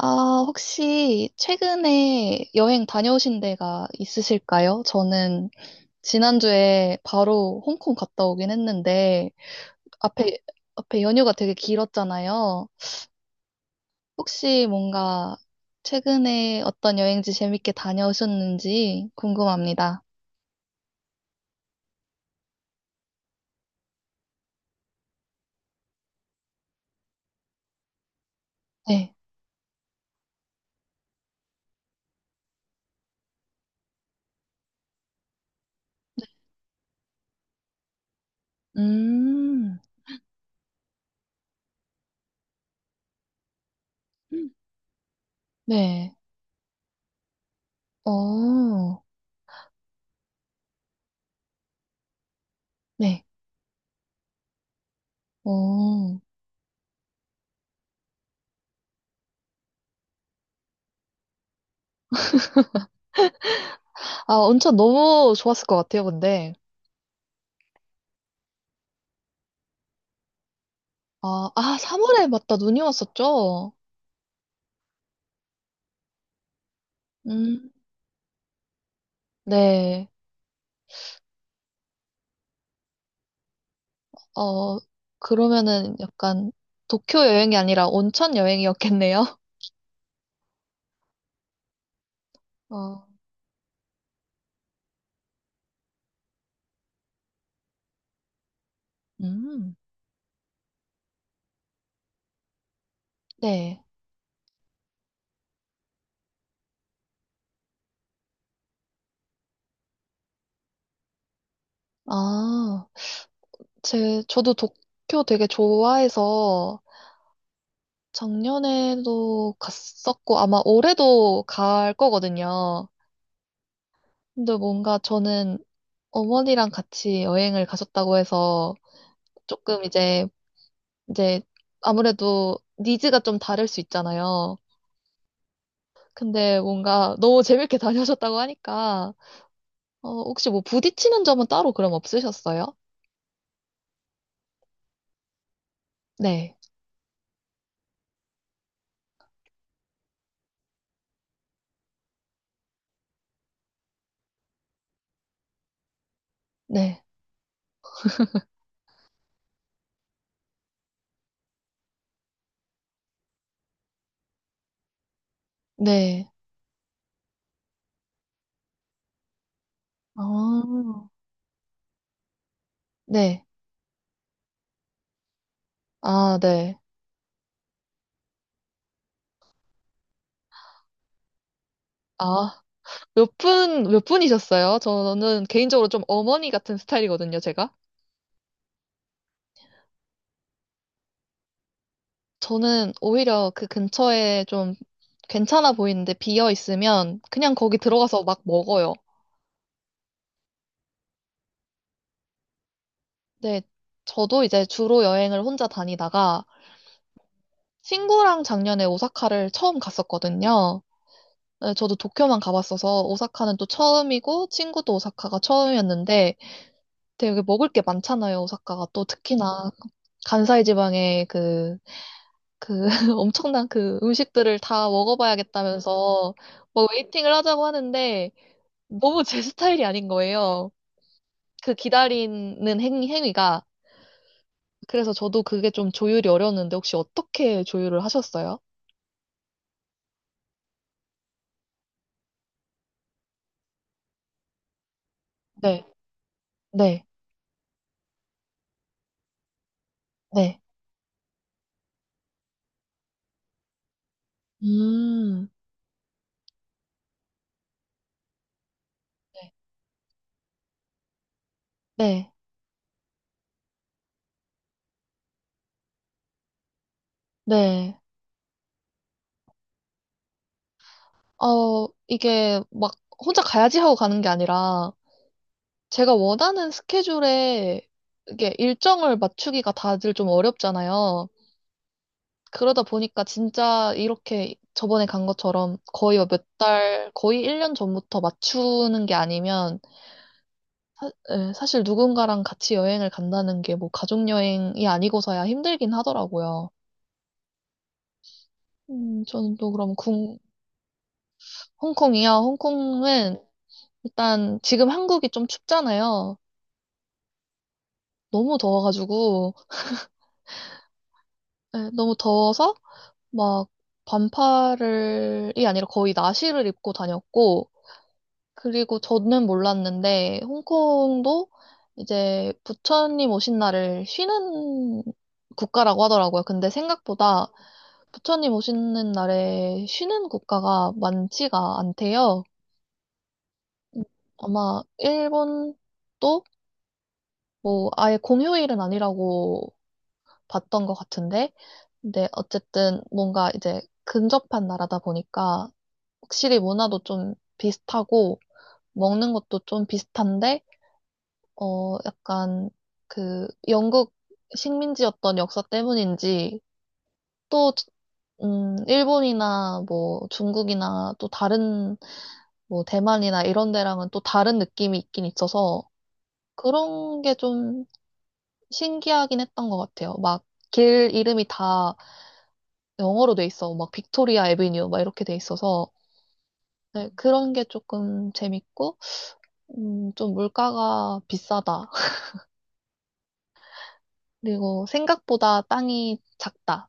아, 혹시 최근에 여행 다녀오신 데가 있으실까요? 저는 지난주에 바로 홍콩 갔다 오긴 했는데, 앞에, 앞에 연휴가 되게 길었잖아요. 혹시 뭔가 최근에 어떤 여행지 재밌게 다녀오셨는지 궁금합니다. 네. 음, 네. 어, 네. 어. 아, 온천 너무 좋았을 것 같아요, 근데. 아, 아, 3월에 맞다, 눈이 왔었죠? 음, 네. 어, 그러면은 약간 도쿄 여행이 아니라 온천 여행이었겠네요. 어, 음, 네. 아, 저도 도쿄 되게 좋아해서 작년에도 갔었고 아마 올해도 갈 거거든요. 근데 뭔가 저는 어머니랑 같이 여행을 가셨다고 해서 조금 이제 아무래도 니즈가 좀 다를 수 있잖아요. 근데 뭔가 너무 재밌게 다녀오셨다고 하니까, 어, 혹시 뭐 부딪히는 점은 따로 그럼 없으셨어요? 네, 네, 네. 아, 네. 아, 네. 아, 몇 분이셨어요? 저는 개인적으로 좀 어머니 같은 스타일이거든요, 제가. 저는 오히려 그 근처에 좀 괜찮아 보이는데 비어 있으면 그냥 거기 들어가서 막 먹어요. 네, 저도 이제 주로 여행을 혼자 다니다가 친구랑 작년에 오사카를 처음 갔었거든요. 네, 저도 도쿄만 가봤어서 오사카는 또 처음이고 친구도 오사카가 처음이었는데 되게 먹을 게 많잖아요, 오사카가. 또 특히나 간사이 지방의 그 엄청난 그 음식들을 다 먹어봐야겠다면서 뭐 웨이팅을 하자고 하는데 너무 제 스타일이 아닌 거예요. 그 기다리는 행위가. 그래서 저도 그게 좀 조율이 어려웠는데 혹시 어떻게 조율을 하셨어요? 네, 네, 네. 음, 네, 네. 네. 어, 이게 막 혼자 가야지 하고 가는 게 아니라 제가 원하는 스케줄에 이게 일정을 맞추기가 다들 좀 어렵잖아요. 그러다 보니까 진짜 이렇게 저번에 간 것처럼 거의 뭐 몇 달, 거의 1년 전부터 맞추는 게 아니면 예, 사실 누군가랑 같이 여행을 간다는 게 뭐 가족 여행이 아니고서야 힘들긴 하더라고요. 저는 또 그럼 홍콩이요. 홍콩은 일단 지금 한국이 좀 춥잖아요. 너무 더워가지고, 예, 너무 더워서 막 반팔을이 아니라 거의 나시를 입고 다녔고, 그리고 저는 몰랐는데, 홍콩도 이제 부처님 오신 날을 쉬는 국가라고 하더라고요. 근데 생각보다 부처님 오시는 날에 쉬는 국가가 많지가 않대요. 음, 아마 일본도 뭐 아예 공휴일은 아니라고 봤던 것 같은데, 근데 어쨌든 뭔가 이제 근접한 나라다 보니까 확실히 문화도 좀 비슷하고 먹는 것도 좀 비슷한데 어 약간 그 영국 식민지였던 역사 때문인지 또 일본이나 뭐 중국이나 또 다른 뭐 대만이나 이런 데랑은 또 다른 느낌이 있긴 있어서 그런 게 좀 신기하긴 했던 것 같아요. 막 길 이름이 다 영어로 돼 있어. 막 빅토리아 애비뉴 막 이렇게 돼 있어서 네, 그런 게 조금 재밌고, 좀 물가가 비싸다. 그리고 생각보다 땅이 작다.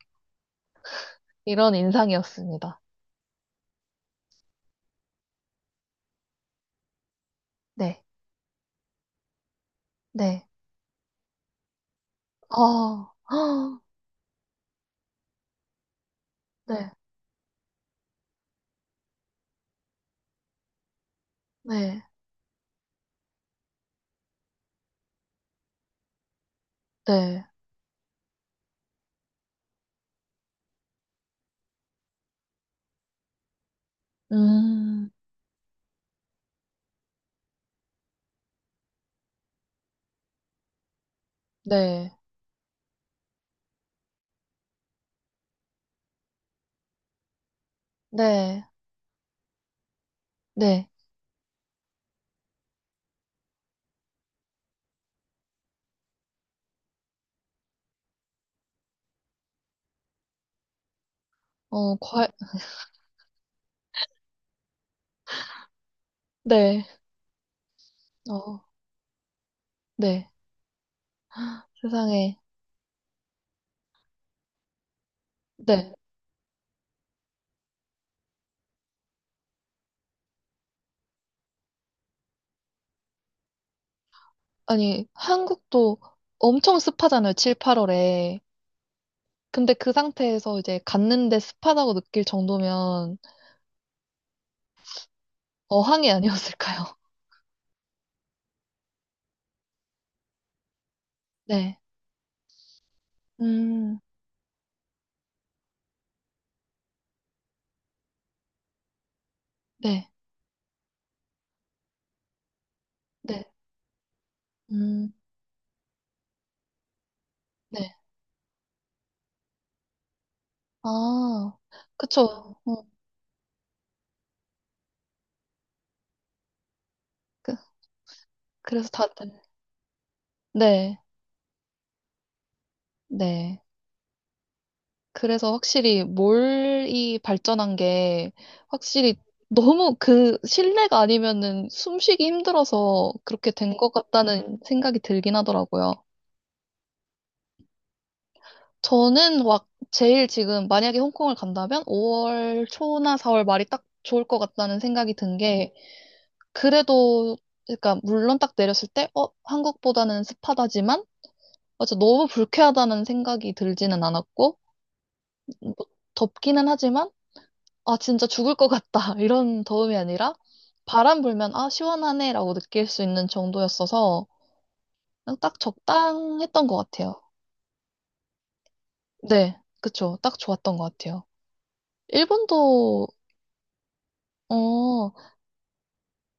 이런 인상이었습니다. 네, 네. 아, 헉, 네, 네, 네. 음, 네, 네, 네. 어, 네, 어, 네. 세상에, 네. 아니, 한국도 엄청 습하잖아요. 7, 8월에. 근데 그 상태에서 이제 갔는데 습하다고 느낄 정도면 어항이 아니었을까요? 네. 음. 네. 네. 음. 네. 아. 그쵸. 어. 그 그래서 다들 네. 네. 그래서 확실히 몰이 발전한 게 확실히 너무 그 실내가 아니면은 숨쉬기 힘들어서 그렇게 된 것 같다는 생각이 들긴 하더라고요. 저는 막 제일 지금 만약에 홍콩을 간다면 5월 초나 4월 말이 딱 좋을 것 같다는 생각이 든게 그래도, 그러니까, 물론 딱 내렸을 때, 어, 한국보다는 습하다지만, 어차 너무 불쾌하다는 생각이 들지는 않았고, 뭐 덥기는 하지만, 아, 진짜 죽을 것 같다. 이런 더움이 아니라, 바람 불면, 아, 시원하네. 라고 느낄 수 있는 정도였어서, 그냥 딱 적당했던 것 같아요. 네, 그쵸. 딱 좋았던 것 같아요. 일본도, 어,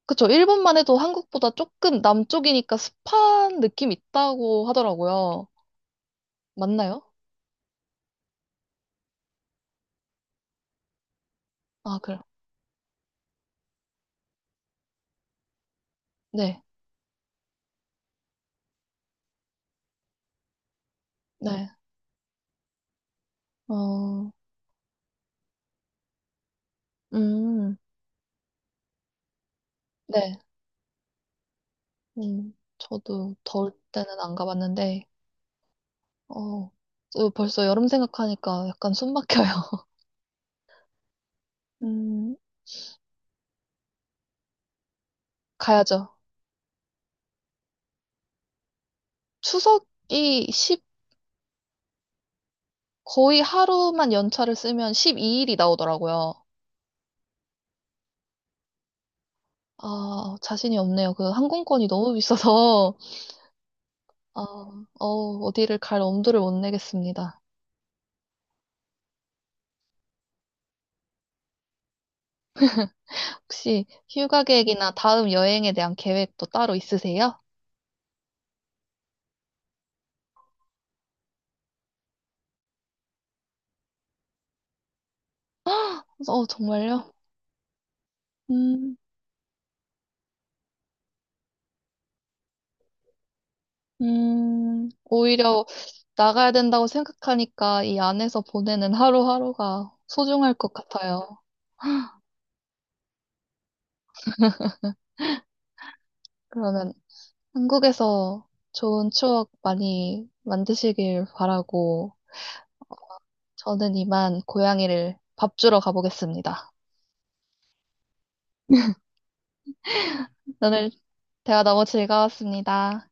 그쵸. 일본만 해도 한국보다 조금 남쪽이니까 습한 느낌 있다고 하더라고요. 맞나요? 아, 그래. 네, 네. 네, 어, 음, 네, 저도 더울 때는 안 가봤는데, 어, 저 벌써 여름 생각하니까 약간 숨 막혀요. 음, 가야죠. 추석이 십 거의 하루만 연차를 쓰면 12일이 나오더라고요. 아, 자신이 없네요. 그 항공권이 너무 비싸서, 아, 어, 어디를 갈 엄두를 못 내겠습니다. 혹시 휴가 계획이나 다음 여행에 대한 계획도 따로 있으세요? 어, 정말요? 음. 오히려 나가야 된다고 생각하니까 이 안에서 보내는 하루하루가 소중할 것 같아요. 그러면 한국에서 좋은 추억 많이 만드시길 바라고 저는 이만 고양이를 밥 주러 가보겠습니다. 오늘 대화 너무 즐거웠습니다.